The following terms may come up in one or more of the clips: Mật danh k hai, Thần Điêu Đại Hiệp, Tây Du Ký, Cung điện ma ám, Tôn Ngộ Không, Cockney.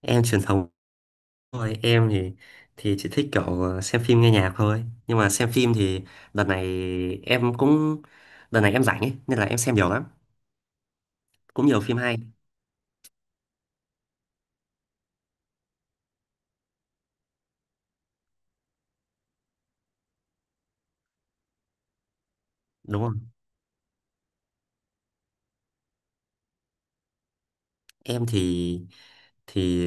Em truyền thống thôi, em thì chỉ thích kiểu xem phim nghe nhạc thôi, nhưng mà xem phim thì đợt này em cũng đợt này em rảnh ấy nên là em xem nhiều lắm. Cũng nhiều phim hay, đúng không? Em thì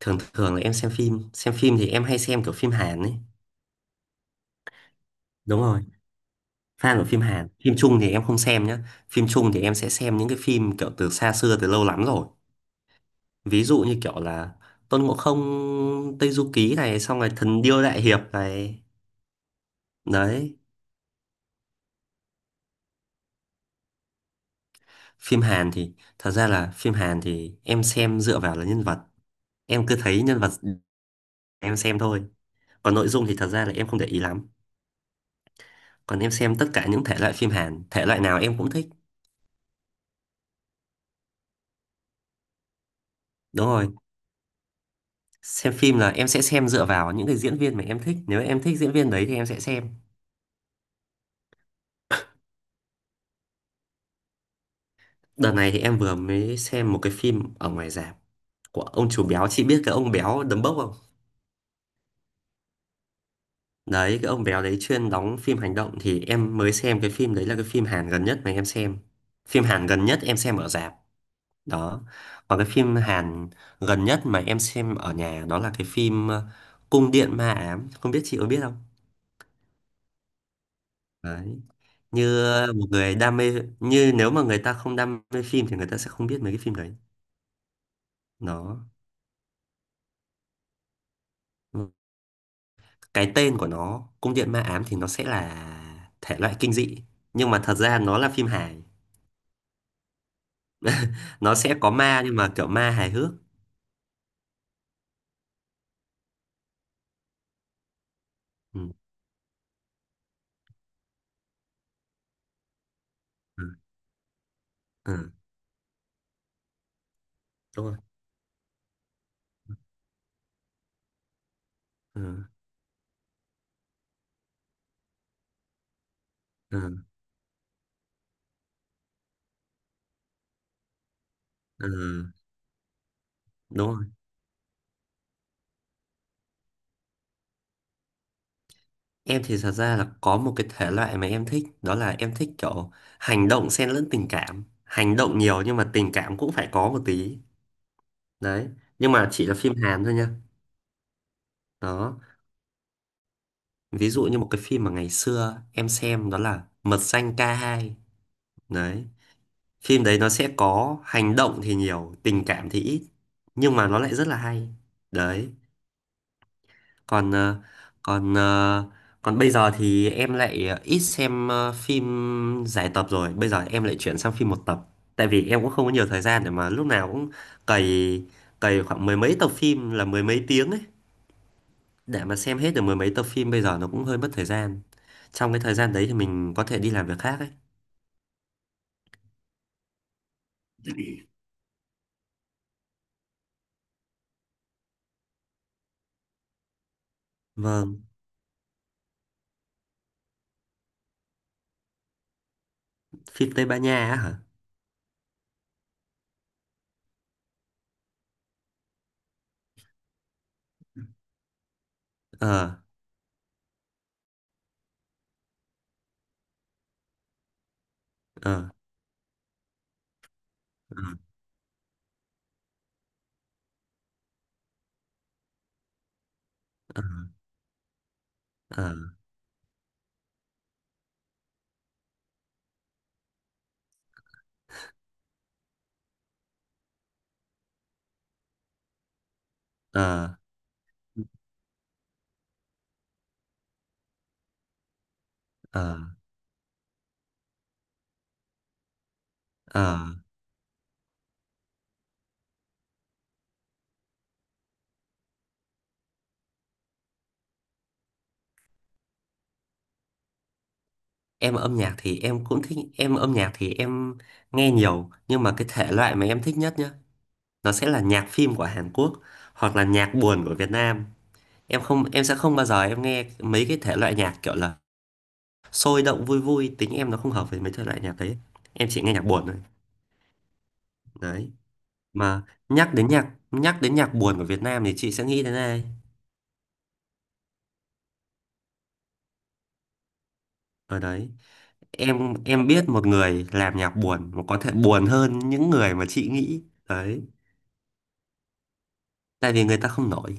thường thường là em xem phim thì em hay xem kiểu phim Hàn ấy. Đúng rồi, fan của phim Hàn. Phim Trung thì em không xem nhá. Phim Trung thì em sẽ xem những cái phim kiểu từ xa xưa, từ lâu lắm rồi, ví dụ như kiểu là Tôn Ngộ Không, Tây Du Ký này, xong rồi Thần Điêu Đại Hiệp này. Đấy, phim Hàn thì thật ra là phim Hàn thì em xem dựa vào là nhân vật. Em cứ thấy nhân vật em xem thôi, còn nội dung thì thật ra là em không để ý lắm. Còn em xem tất cả những thể loại phim Hàn, thể loại nào em cũng thích. Đúng rồi, xem phim là em sẽ xem dựa vào những cái diễn viên mà em thích, nếu em thích diễn viên đấy thì em sẽ xem. Đợt này thì em vừa mới xem một cái phim ở ngoài rạp của ông chủ béo, chị biết cái ông béo đấm bốc không? Đấy, cái ông béo đấy chuyên đóng phim hành động. Thì em mới xem, cái phim đấy là cái phim Hàn gần nhất mà em xem, phim Hàn gần nhất em xem ở rạp. Đó. Còn cái phim Hàn gần nhất mà em xem ở nhà đó là cái phim Cung điện ma ám, không biết chị có biết không. Đấy. như một người đam mê Như nếu mà người ta không đam mê phim thì người ta sẽ không biết mấy cái phim đấy. nó cái tên của nó Cung điện ma ám thì nó sẽ là thể loại kinh dị, nhưng mà thật ra nó là phim hài. Nó sẽ có ma nhưng mà kiểu ma hài hước. Ừ, ừ, ừ, đúng rồi. Ừ, ừ, ừ, đúng rồi. Em thì thật ra là có một cái thể loại mà em thích. Đó là em thích kiểu hành động xen lẫn tình cảm. Hành động nhiều nhưng mà tình cảm cũng phải có một tí. Đấy. Nhưng mà chỉ là phim Hàn thôi nha. Đó. Ví dụ như một cái phim mà ngày xưa em xem đó là Mật danh K2. Đấy. Phim đấy nó sẽ có hành động thì nhiều, tình cảm thì ít, nhưng mà nó lại rất là hay. Đấy. còn ờ, còn ờ, Còn bây giờ thì em lại ít xem phim dài tập rồi, bây giờ em lại chuyển sang phim một tập. Tại vì em cũng không có nhiều thời gian để mà lúc nào cũng cày cày khoảng mười mấy tập phim, là mười mấy tiếng ấy, để mà xem hết được mười mấy tập phim bây giờ nó cũng hơi mất thời gian. Trong cái thời gian đấy thì mình có thể đi làm việc khác ấy. Vâng, phim Tây Ban Nha á hả? Ờ, ờ, ờ, ờ, ờ, ờ, ờ, ờ. em âm nhạc thì em cũng thích Em âm nhạc thì em nghe nhiều, nhưng mà cái thể loại mà em thích nhất nhá, nó sẽ là nhạc phim của Hàn Quốc hoặc là nhạc buồn của Việt Nam. Em không Em sẽ không bao giờ em nghe mấy cái thể loại nhạc kiểu là sôi động vui vui, tính em nó không hợp với mấy thể loại nhạc đấy. Em chỉ nghe nhạc buồn thôi. Đấy mà, nhắc đến nhạc buồn của Việt Nam thì chị sẽ nghĩ đến ai? Ở đấy, em biết một người làm nhạc buồn mà có thể buồn hơn những người mà chị nghĩ. Đấy, tại vì người ta không nổi,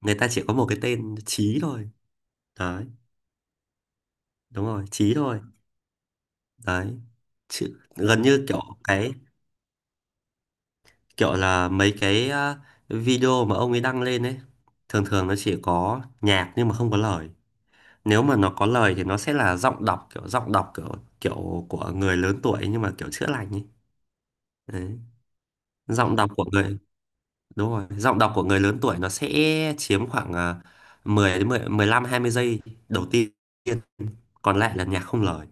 người ta chỉ có một cái tên Chí thôi. Đấy, đúng rồi, Chí thôi. Đấy chứ, gần như kiểu là mấy cái video mà ông ấy đăng lên ấy. Thường thường nó chỉ có nhạc nhưng mà không có lời. Nếu mà nó có lời thì nó sẽ là giọng đọc, kiểu kiểu của người lớn tuổi nhưng mà kiểu chữa lành ấy. Đấy. Giọng đọc của người Đúng rồi, giọng đọc của người lớn tuổi, nó sẽ chiếm khoảng 10 đến 15, 20 giây đầu tiên, còn lại là nhạc không lời.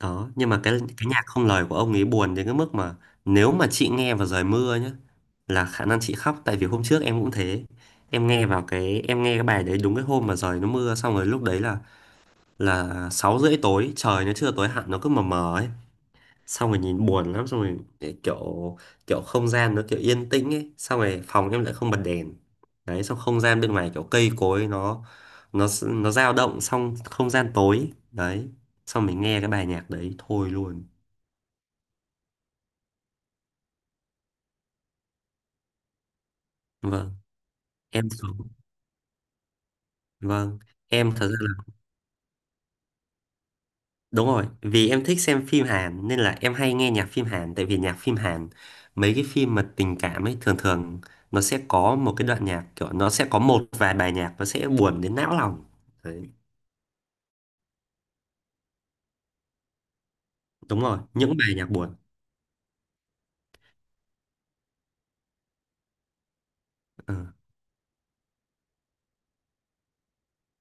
Đó, nhưng mà cái nhạc không lời của ông ấy buồn đến cái mức mà nếu mà chị nghe vào trời mưa nhá, là khả năng chị khóc, tại vì hôm trước em cũng thế. Em nghe vào cái Em nghe cái bài đấy đúng cái hôm mà trời nó mưa, xong rồi lúc đấy là 6:30 tối, trời nó chưa tối hẳn nó cứ mờ mờ ấy. Xong rồi nhìn buồn lắm, xong rồi kiểu kiểu không gian nó kiểu yên tĩnh ấy, xong rồi phòng em lại không bật đèn. Đấy, xong không gian bên ngoài kiểu cây cối nó dao động, xong không gian tối. Đấy, xong mình nghe cái bài nhạc đấy thôi luôn. Vâng, em thường- vâng, em thật ra là đúng rồi, vì em thích xem phim Hàn nên là em hay nghe nhạc phim Hàn. Tại vì nhạc phim Hàn, mấy cái phim mà tình cảm ấy, thường thường nó sẽ có một cái đoạn nhạc kiểu, nó sẽ có một vài bài nhạc nó sẽ buồn đến não lòng. Đấy, đúng rồi, những bài nhạc buồn. Ờ,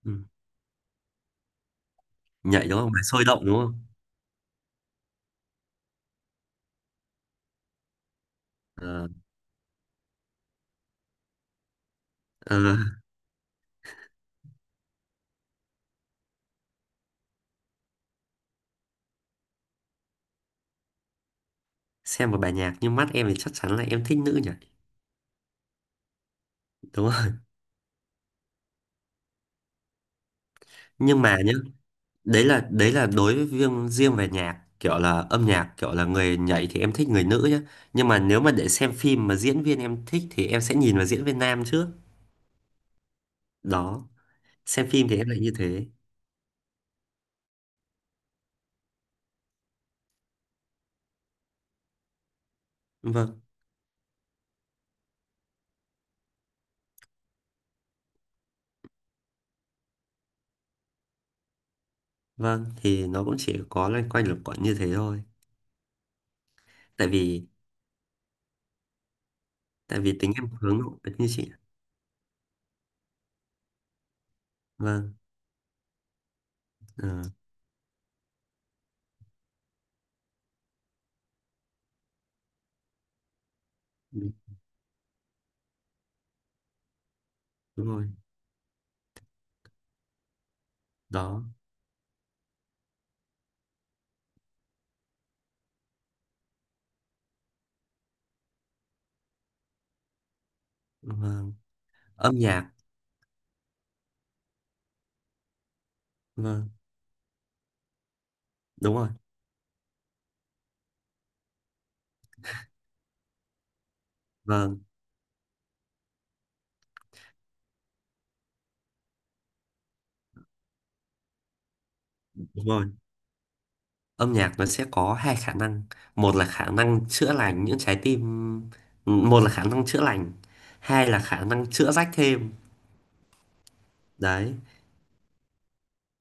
ừ. Nhảy đúng không? Bài sôi động đúng không? Ờ, ờ, xem một bài nhạc như mắt em thì chắc chắn là em thích nữ nhỉ. Đúng không? Nhưng mà nhá, đấy là đối với riêng riêng về nhạc, kiểu là âm nhạc kiểu là người nhảy thì em thích người nữ nhé, nhưng mà nếu mà để xem phim mà diễn viên em thích thì em sẽ nhìn vào diễn viên nam trước. Đó, xem phim thì em lại như thế. Vâng, vâng, thì nó cũng chỉ có loanh quanh lục quận như thế thôi, tại vì tại vì tính em hướng nội như chị ạ. Vâng. ờ, đúng đúng rồi. Đó. Vâng. Âm nhạc. Vâng, đúng rồi. Vâng, đúng rồi, âm nhạc nó sẽ có hai khả năng. Một là khả năng chữa lành những trái tim. Một là khả năng chữa lành, hai là khả năng chữa rách thêm. Đấy,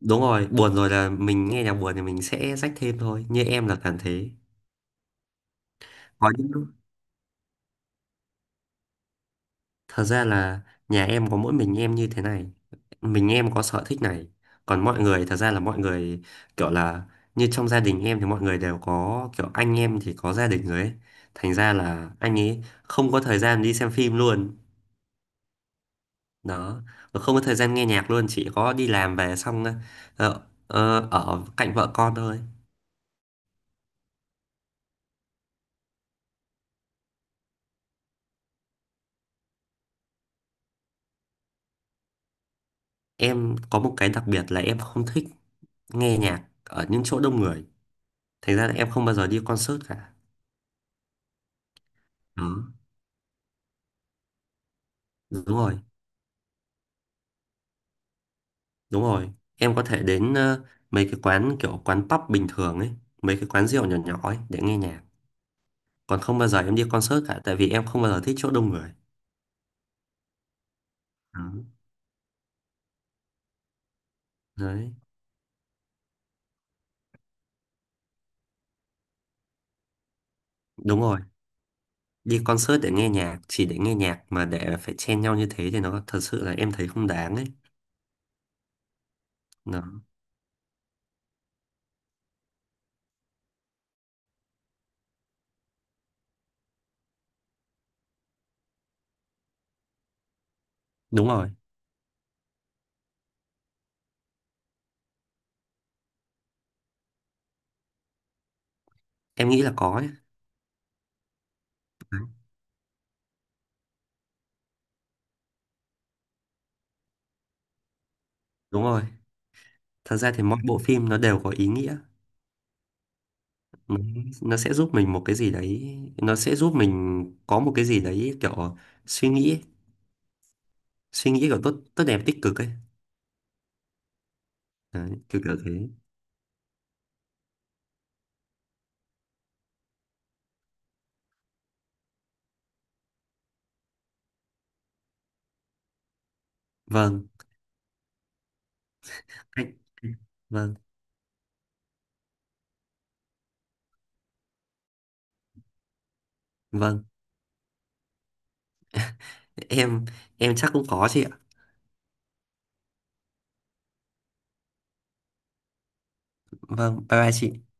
đúng rồi, buồn rồi là mình nghe nhạc buồn thì mình sẽ rách thêm thôi, như em là cảm thế. Có những lúc, thật ra là nhà em có mỗi mình em như thế này, mình em có sở thích này. Còn mọi người, thật ra là mọi người kiểu là, như trong gia đình em thì mọi người đều có, kiểu anh em thì có gia đình rồi ấy, thành ra là anh ấy không có thời gian đi xem phim luôn. Đó. Mà không có thời gian nghe nhạc luôn, chỉ có đi làm về xong ờ, ở cạnh vợ con thôi. Em có một cái đặc biệt là em không thích nghe nhạc ở những chỗ đông người, thành ra là em không bao giờ đi concert cả. Đó. Đúng rồi, đúng rồi, em có thể đến mấy cái quán kiểu quán pub bình thường ấy, mấy cái quán rượu nhỏ nhỏ ấy để nghe nhạc. Còn không bao giờ em đi concert cả, tại vì em không bao giờ thích chỗ đông người. Đó. Đấy, đúng rồi, đi concert để nghe nhạc, chỉ để nghe nhạc mà để phải chen nhau như thế thì nó thật sự là em thấy không đáng ấy. nó, Đúng rồi, em nghĩ là có ấy. Đúng rồi, thật ra thì mỗi bộ phim nó đều có ý nghĩa. Nó, nó sẽ giúp mình một cái gì đấy, nó sẽ giúp mình có một cái gì đấy kiểu suy nghĩ ấy. Suy nghĩ kiểu tốt tốt đẹp tích cực ấy. Đấy, kiểu kiểu thế. Vâng, anh- vâng, vâng, em em chắc cũng có chị ạ. Vâng, bye bye chị.